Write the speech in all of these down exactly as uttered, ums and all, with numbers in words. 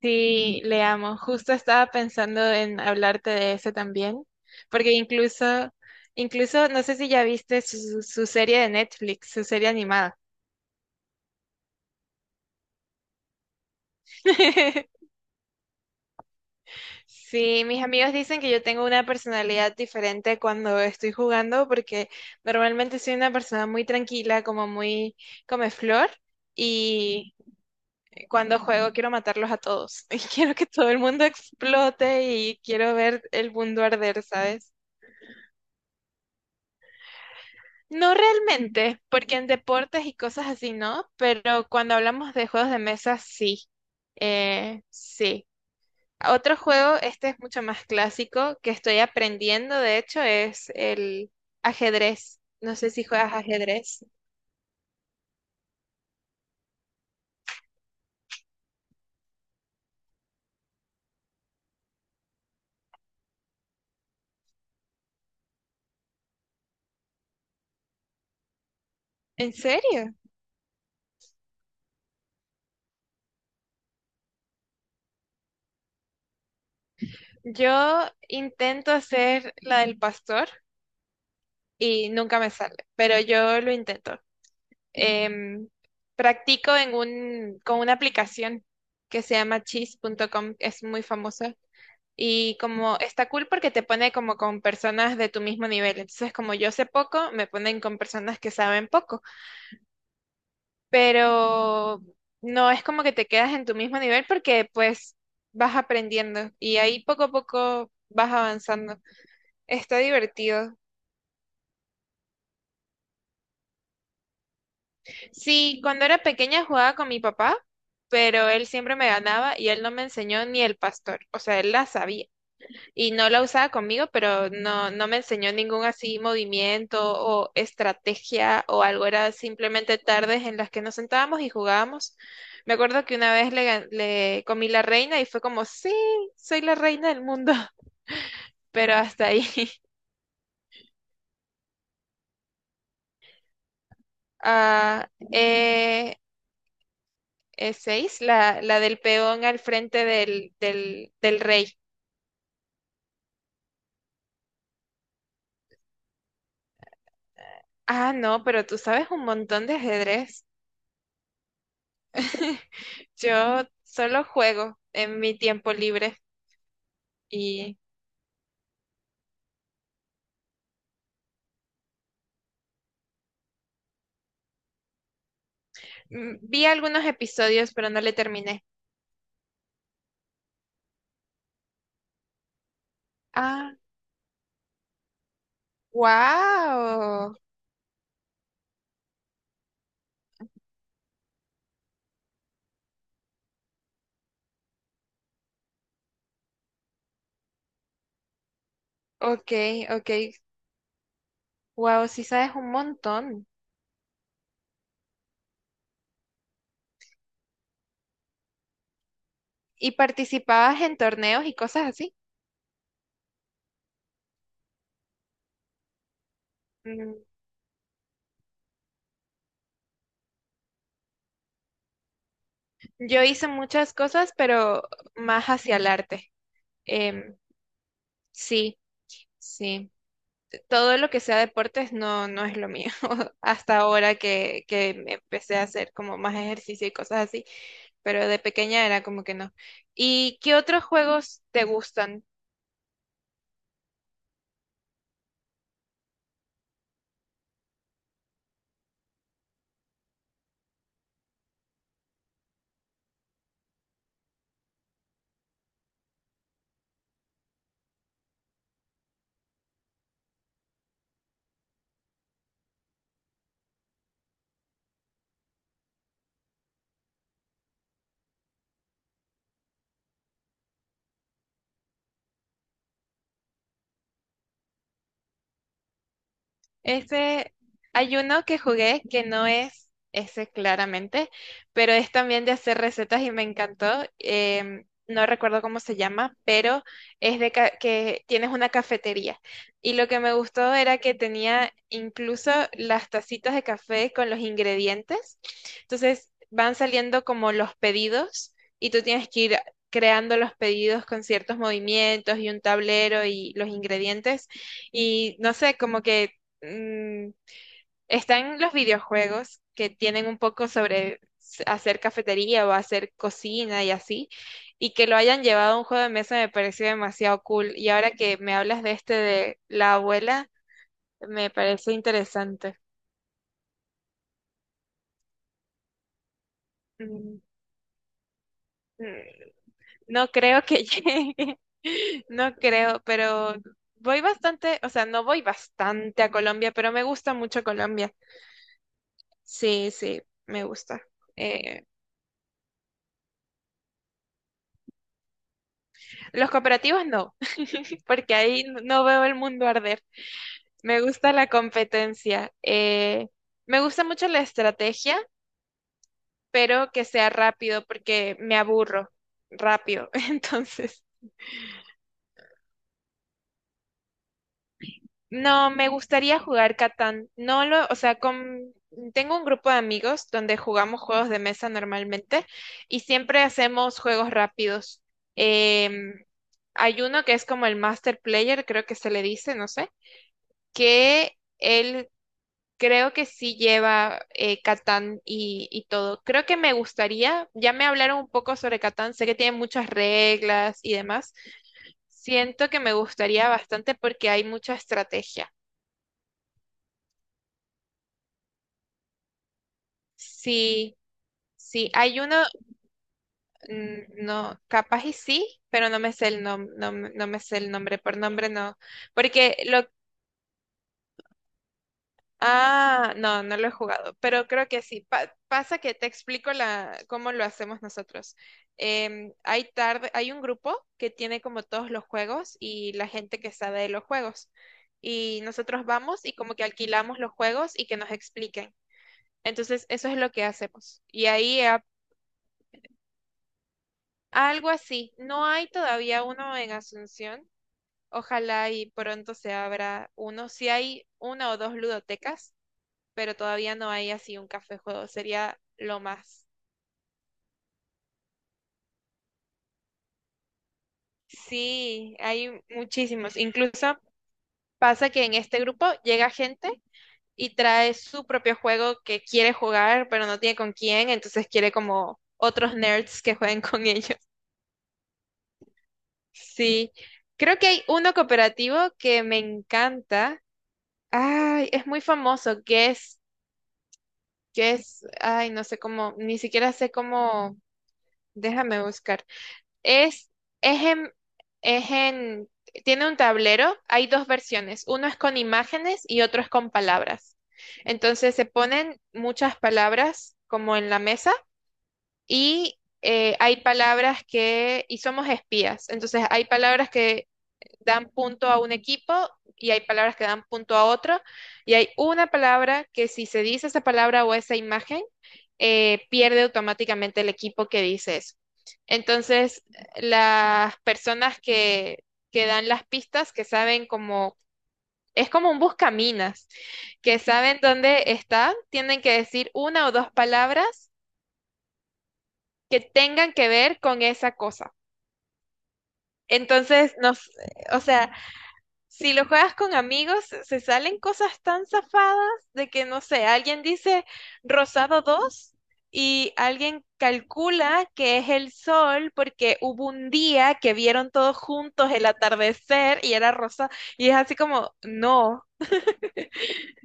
Sí, le amo. Justo estaba pensando en hablarte de eso también, porque incluso, incluso, no sé si ya viste su, su- serie de Netflix, su serie animada. Sí, mis amigos dicen que yo tengo una personalidad diferente cuando estoy jugando, porque normalmente soy una persona muy tranquila, como muy comeflor, y cuando juego quiero matarlos a todos, y quiero que todo el mundo explote y quiero ver el mundo arder, ¿sabes? No realmente, porque en deportes y cosas así no, pero cuando hablamos de juegos de mesa, sí. Eh, sí. Otro juego, este es mucho más clásico, que estoy aprendiendo, de hecho, es el ajedrez. No sé si juegas ajedrez. ¿En serio? Yo intento hacer la del pastor y nunca me sale, pero yo lo intento. Em, practico en un, con una aplicación que se llama chess punto com, es muy famosa. Y como está cool porque te pone como con personas de tu mismo nivel. Entonces, como yo sé poco, me ponen con personas que saben poco. Pero no es como que te quedas en tu mismo nivel, porque pues vas aprendiendo y ahí poco a poco vas avanzando. Está divertido. Sí, cuando era pequeña jugaba con mi papá, pero él siempre me ganaba y él no me enseñó ni el pastor. O sea, él la sabía, y no la usaba conmigo, pero no, no me enseñó ningún así movimiento o estrategia o algo; era simplemente tardes en las que nos sentábamos y jugábamos. Me acuerdo que una vez le, gan- le comí la reina y fue como, sí, soy la reina del mundo, pero hasta ahí. Ah, eh, eh, seis, la, la del peón al frente del, del, del rey. Ah, no, pero tú sabes un montón de ajedrez. Yo solo juego en mi tiempo libre. Y mm, vi algunos episodios, pero no le terminé. Ah, wow. Ok, ok. Wow, sí sabes un montón. ¿Y participabas en torneos y cosas así? Mm, Yo hice muchas cosas, pero más hacia el arte. Em, sí, sí. Todo lo que sea deportes no, no es lo mío. Hasta ahora que, que me empecé a hacer como más ejercicio y cosas así. Pero de pequeña era como que no. ¿Y qué otros juegos te gustan? Ese, hay uno que jugué que no es ese, claramente, pero es también de hacer recetas y me encantó. Em, no recuerdo cómo se llama, pero es de ca- que tienes una cafetería. Y lo que me gustó era que tenía incluso las tacitas de café con los ingredientes. Entonces van saliendo como los pedidos y tú tienes que ir creando los pedidos con ciertos movimientos y un tablero y los ingredientes. Y no sé, como que mm, están los videojuegos que tienen un poco sobre s- hacer cafetería o hacer cocina y así, y que lo hayan llevado a un juego de mesa me pareció demasiado cool. Y ahora que me hablas de este de la abuela, me parece interesante. Mm, mm, No creo que llegue, no creo, pero voy bastante, o sea, no voy bastante a Colombia, pero me gusta mucho Colombia. Sí, sí, me gusta. Eh, Los cooperativos no, porque ahí no no veo el mundo arder. Me gusta la competencia. eh, me gusta mucho la estrategia, pero que sea rápido porque me aburro rápido. Entonces, no, me gustaría jugar Catán. No lo, o sea, con, tengo un grupo de amigos donde jugamos juegos de mesa normalmente y siempre hacemos juegos rápidos. Em, hay uno que es como el Master Player, creo que se le dice, no sé. Que él Creo que sí lleva, eh, Catán y, y todo. Creo que me gustaría; ya me hablaron un poco sobre Catán, sé que tiene muchas reglas y demás. Siento que me gustaría bastante porque hay mucha estrategia. Sí, sí, hay uno, mm, no, capaz y sí, pero no me sé el nom- no, me no me sé el nombre, por nombre no. Porque lo Ah, no, no lo he jugado, pero creo que sí. Pa- pasa que te explico la, cómo lo hacemos nosotros. Em, hay tarde, hay un grupo que tiene como todos los juegos y la gente que sabe de los juegos. Y nosotros vamos y como que alquilamos los juegos y que nos expliquen. Entonces, eso es lo que hacemos. Y ahí a- algo así. No hay todavía uno en Asunción. Ojalá y pronto se abra uno. Si hay una o dos ludotecas, pero todavía no hay así un café juego; sería lo más. Sí, hay muchísimos. Incluso pasa que en este grupo llega gente y trae su propio juego que quiere jugar, pero no tiene con quién, entonces quiere como otros nerds que jueguen con ellos. Sí, creo que hay uno cooperativo que me encanta. Ay, es muy famoso, que es, que es, ay, no sé cómo, ni siquiera sé cómo, déjame buscar. Es, es en, es en, tiene un tablero, hay dos versiones: uno es con imágenes y otro es con palabras. Entonces se ponen muchas palabras como en la mesa y eh, hay palabras que, y somos espías, entonces hay palabras que dan punto a un equipo y hay palabras que dan punto a otro, y hay una palabra que, si se dice esa palabra o esa imagen, eh, pierde automáticamente el equipo que dice eso. Entonces, las personas que, que dan las pistas, que saben cómo, es como un buscaminas, que saben dónde está, tienen que decir una o dos palabras que tengan que ver con esa cosa. Entonces, nos, o sea, si lo juegas con amigos, se salen cosas tan zafadas, de que, no sé, alguien dice rosado dos y alguien calcula que es el sol porque hubo un día que vieron todos juntos el atardecer y era rosa. Y es así como, no,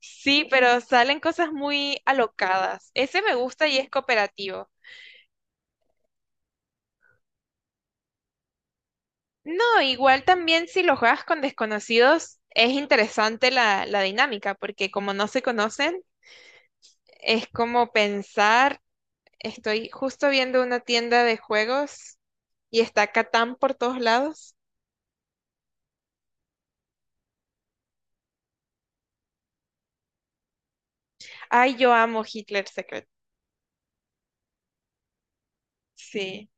sí, pero salen cosas muy alocadas. Ese me gusta y es cooperativo. No, igual también si lo juegas con desconocidos, es interesante la, la dinámica, porque como no se conocen. Es como pensar, estoy justo viendo una tienda de juegos y está Catán por todos lados. Ay, yo amo Hitler Secret. Sí,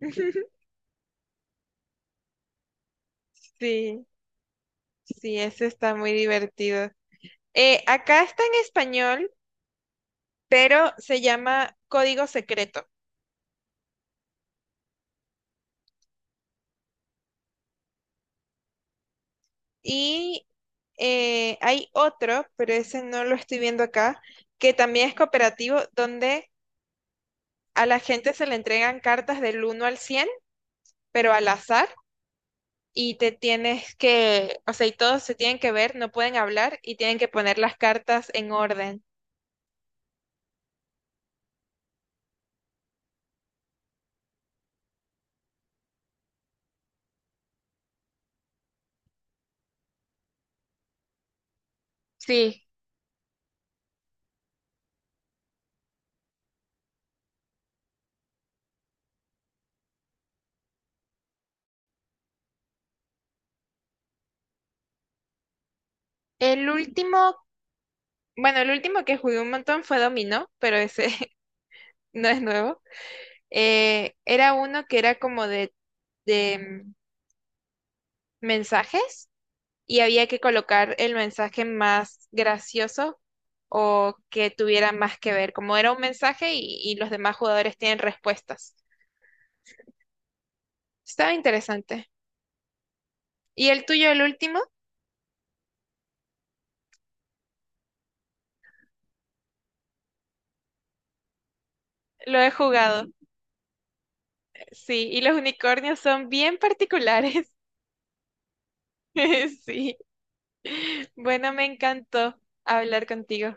sí, sí, ese está muy divertido. Eh, acá está en español, pero se llama Código Secreto. Y eh, hay otro, pero ese no lo estoy viendo acá, que también es cooperativo, donde a la gente se le entregan cartas del uno al cien, pero al azar, y te tienes que, o sea, y todos se tienen que ver, no pueden hablar y tienen que poner las cartas en orden. Sí, el último, bueno, el último que jugué un montón fue dominó, pero ese no es nuevo. Eh, era uno que era como de, de mm, mensajes, y había que colocar el mensaje más gracioso o que tuviera más que ver, como era un mensaje y, y los demás jugadores tienen respuestas. Estaba interesante. ¿Y el tuyo, el último? Lo he jugado. Sí, y los unicornios son bien particulares. Sí. Bueno, me encantó hablar contigo.